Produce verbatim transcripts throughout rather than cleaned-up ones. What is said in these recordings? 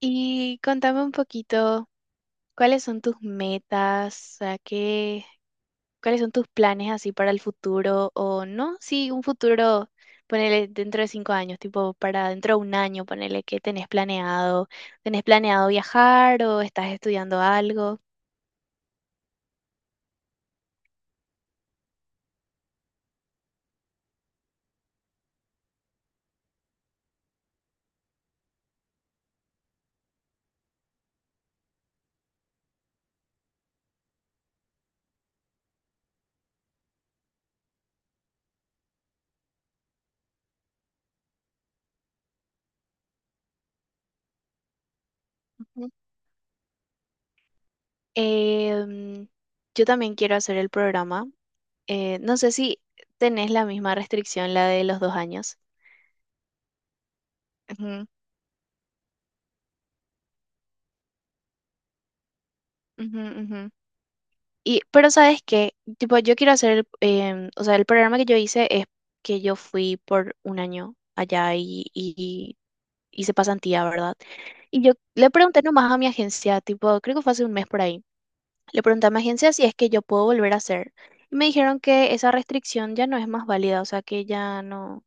Y contame un poquito, ¿cuáles son tus metas? O ¿qué, cuáles son tus planes así para el futuro? O no, sí, un futuro, ponele dentro de cinco años, tipo para dentro de un año, ponele qué tenés planeado. ¿Tenés planeado viajar o estás estudiando algo? Ujú. Em, yo también quiero hacer el programa. Eh, no sé si tenés la misma restricción, la de los dos años. Ujú, ujú, ujú. Y, pero sabes qué, tipo, yo quiero hacer, el- em, o sea, el programa que yo hice es que yo fui por un año allá y, y hice pasantía, ¿verdad? Y yo le pregunté nomás a mi agencia, tipo, creo que fue hace un mes por ahí, le pregunté a mi agencia si es que yo puedo volver a hacer. Y me dijeron que esa restricción ya no es más válida, o sea, que ya no,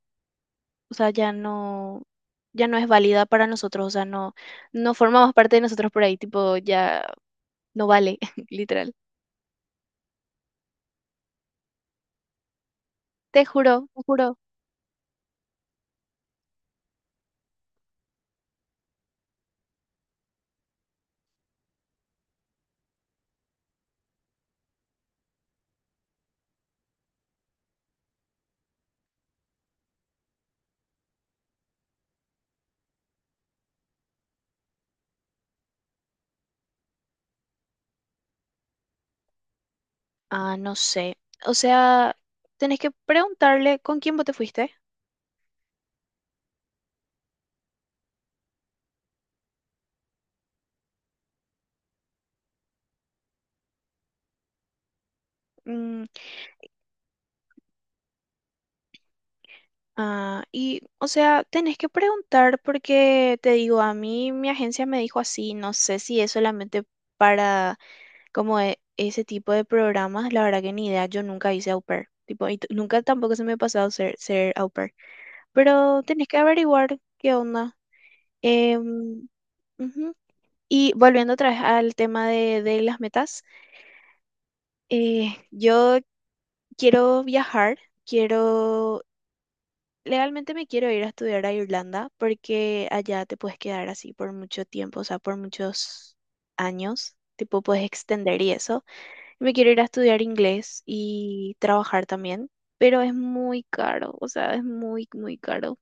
o sea, ya no, ya no es válida para nosotros, o sea, no, no formamos parte de nosotros por ahí, tipo, ya no vale, literal. Te juro, te juro. Ah, no sé. O sea, tenés que preguntarle con quién vos te fuiste. Mm, ah, y, o sea, tenés que preguntar porque te digo, a mí mi agencia me dijo así, no sé si es solamente para como e- ese tipo de programas, la verdad que ni idea, yo nunca hice au pair. Tipo, y t- nunca tampoco se me ha pasado ser, ser, au pair. Pero tenés que averiguar qué onda. Em, ujú. Y volviendo otra vez al tema de, de las metas. Eh, yo quiero viajar, quiero, legalmente me quiero ir a estudiar a Irlanda porque allá te puedes quedar así por mucho tiempo, o sea, por muchos años, tipo puedes extender y eso. Me quiero ir a estudiar inglés y trabajar también, pero es muy caro, o sea, es muy, muy caro.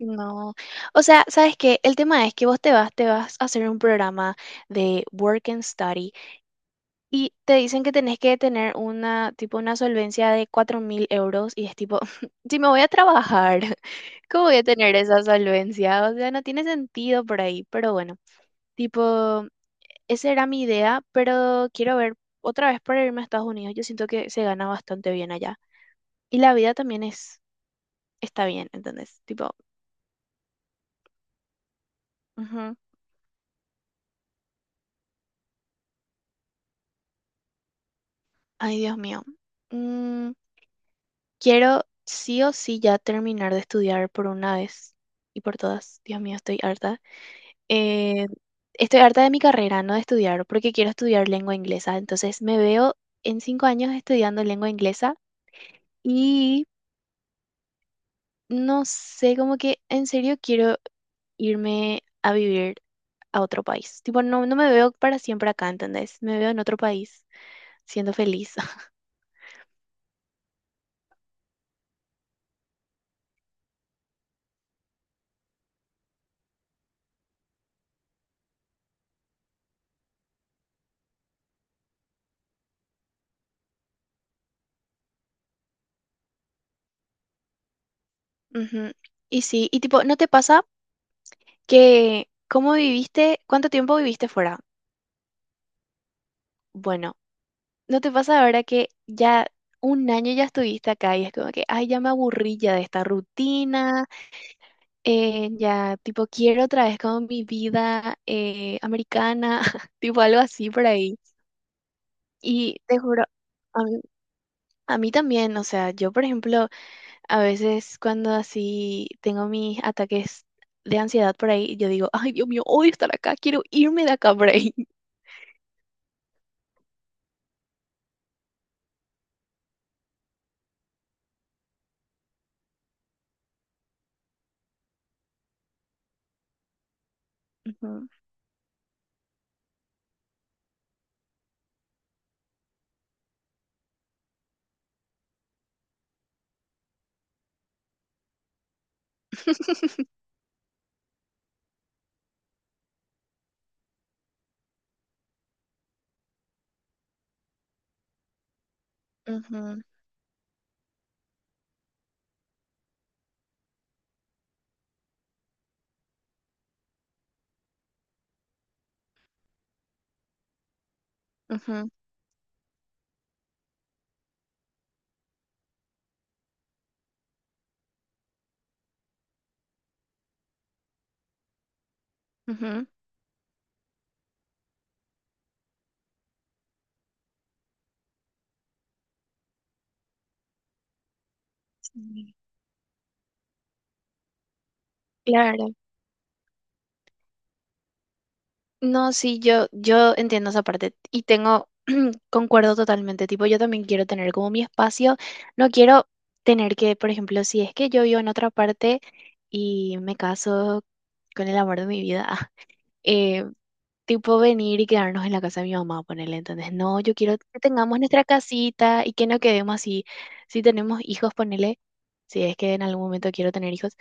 No, o sea, ¿sabes qué? El tema es que vos te vas, te vas a hacer un programa de work and study. Y te dicen que tenés que tener una, tipo, una solvencia de cuatro mil euros y es tipo, si me voy a trabajar, ¿cómo voy a tener esa solvencia? O sea, no tiene sentido por ahí, pero bueno, tipo, esa era mi idea, pero quiero ver otra vez para irme a Estados Unidos. Yo siento que se gana bastante bien allá. Y la vida también es, está bien, ¿entendés? Tipo, ujú. Ay, Dios mío. Mm, quiero sí o sí ya terminar de estudiar por una vez y por todas. Dios mío, estoy harta. Eh, estoy harta de mi carrera, no de estudiar, porque quiero estudiar lengua inglesa. Entonces me veo en cinco años estudiando lengua inglesa y no sé, como que en serio quiero irme a vivir a otro país. Tipo, no, no me veo para siempre acá, ¿entendés? Me veo en otro país siendo feliz. Ujú. Y sí, y tipo, ¿no te pasa que cómo viviste, cuánto tiempo viviste fuera? Bueno. ¿No te pasa ahora que ya un año ya estuviste acá y es como que, ay, ya me aburrí ya de esta rutina, eh, ya tipo quiero otra vez como mi vida eh, americana, tipo algo así por ahí? Y te juro, a mí, a mí también, o sea, yo por ejemplo a veces cuando así tengo mis ataques de ansiedad por ahí, yo digo, ay, Dios mío, odio estar acá, quiero irme de acá por ahí. Ujú, ujú, ujú, ujú. Sí. Claro. No, sí, yo, yo entiendo esa parte y tengo, concuerdo totalmente, tipo, yo también quiero tener como mi espacio, no quiero tener que, por ejemplo, si es que yo vivo en otra parte y me caso con el amor de mi vida, tipo venir y quedarnos en la casa de mi mamá, ponele. Entonces, no, yo quiero que tengamos nuestra casita y que no quedemos así. Si tenemos hijos, ponele, si es que en algún momento quiero tener hijos,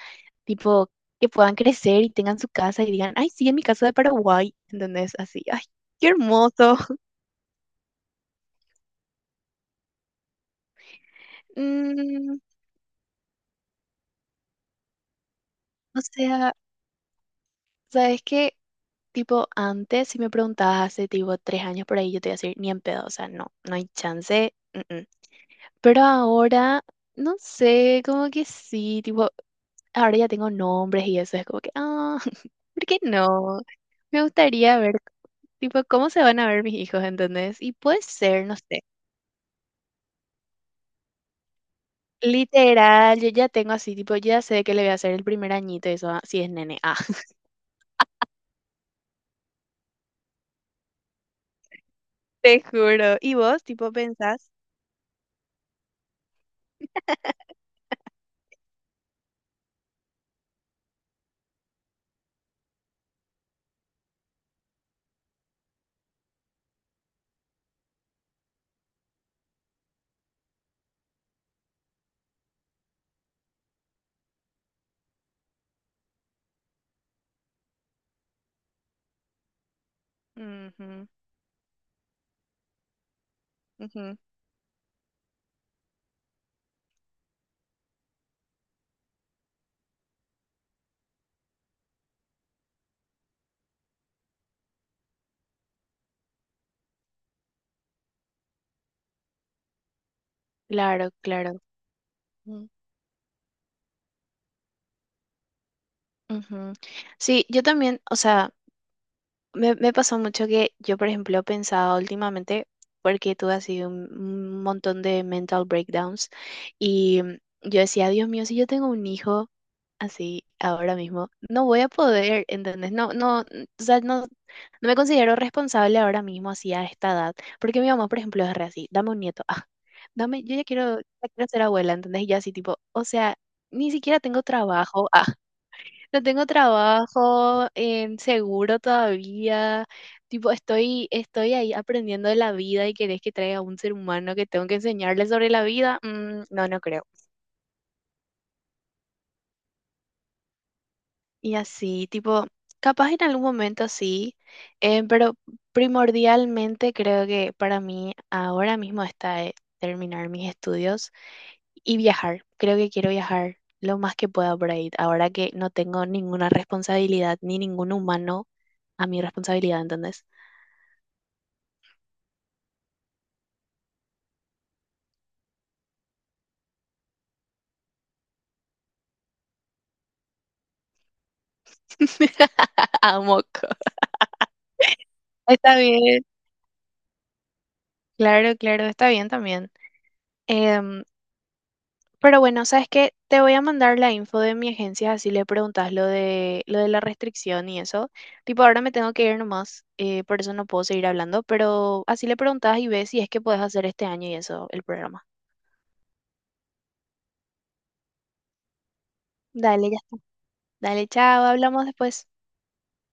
tipo que puedan crecer y tengan su casa y digan, ay, sí, en mi casa de Paraguay. Entonces, así, ay, qué hermoso. Mm, o sea, ¿sabes qué? Tipo, antes, si me preguntabas hace tipo tres años por ahí, yo te iba a decir, ni en pedo, o sea, no, no hay chance. mm, mm". Pero ahora, no sé, como que sí, tipo, ahora ya tengo nombres y eso es como que, ah, ¿por qué no? Me gustaría ver, tipo, cómo se van a ver mis hijos, ¿entendés? Y puede ser, no sé. Literal, yo ya tengo así, tipo, ya sé que le voy a hacer el primer añito, y eso, ah, si es nene, ah. Te juro. ¿Y vos, tipo, pensás? Ujú, ujú. Claro, claro. Mm, ujú. Sí, yo también, o sea. Me, me pasó mucho que yo, por ejemplo, pensaba últimamente, porque tuve así un, un montón de mental breakdowns, y mm, yo decía, Dios mío, si yo tengo un hijo así ahora mismo, no voy a poder, ¿entendés? No, no, n- o sea, no, no me considero responsable ahora mismo así a esta edad, porque mi mamá, por ejemplo, es re así, dame un nieto, ah, dame, yo ya quiero, ya quiero ser abuela, ¿entendés? Y yo así tipo, o sea, ni siquiera tengo trabajo, ah, no tengo trabajo en seguro todavía. Tipo, estoy, estoy ahí aprendiendo de la vida y querés que traiga un ser humano que tengo que enseñarle sobre la vida. Mm, no, no creo. Y así, tipo, capaz en algún momento sí, eh, pero primordialmente creo que para mí ahora mismo está eh, terminar mis estudios y viajar. Creo que quiero viajar lo más que pueda por ahí, ahora que no tengo ninguna responsabilidad ni ningún humano a mi responsabilidad, ¿entendés? A moco. Está bien, claro, claro, está bien también. Em, pero bueno, ¿sabes qué? Te voy a mandar la info de mi agencia, así le preguntas lo de, lo de, la restricción y eso. Tipo, ahora me tengo que ir nomás, eh, por eso no puedo seguir hablando, pero así le preguntas y ves si es que puedes hacer este año y eso, el programa. Dale, ya está. Dale, chao, hablamos después.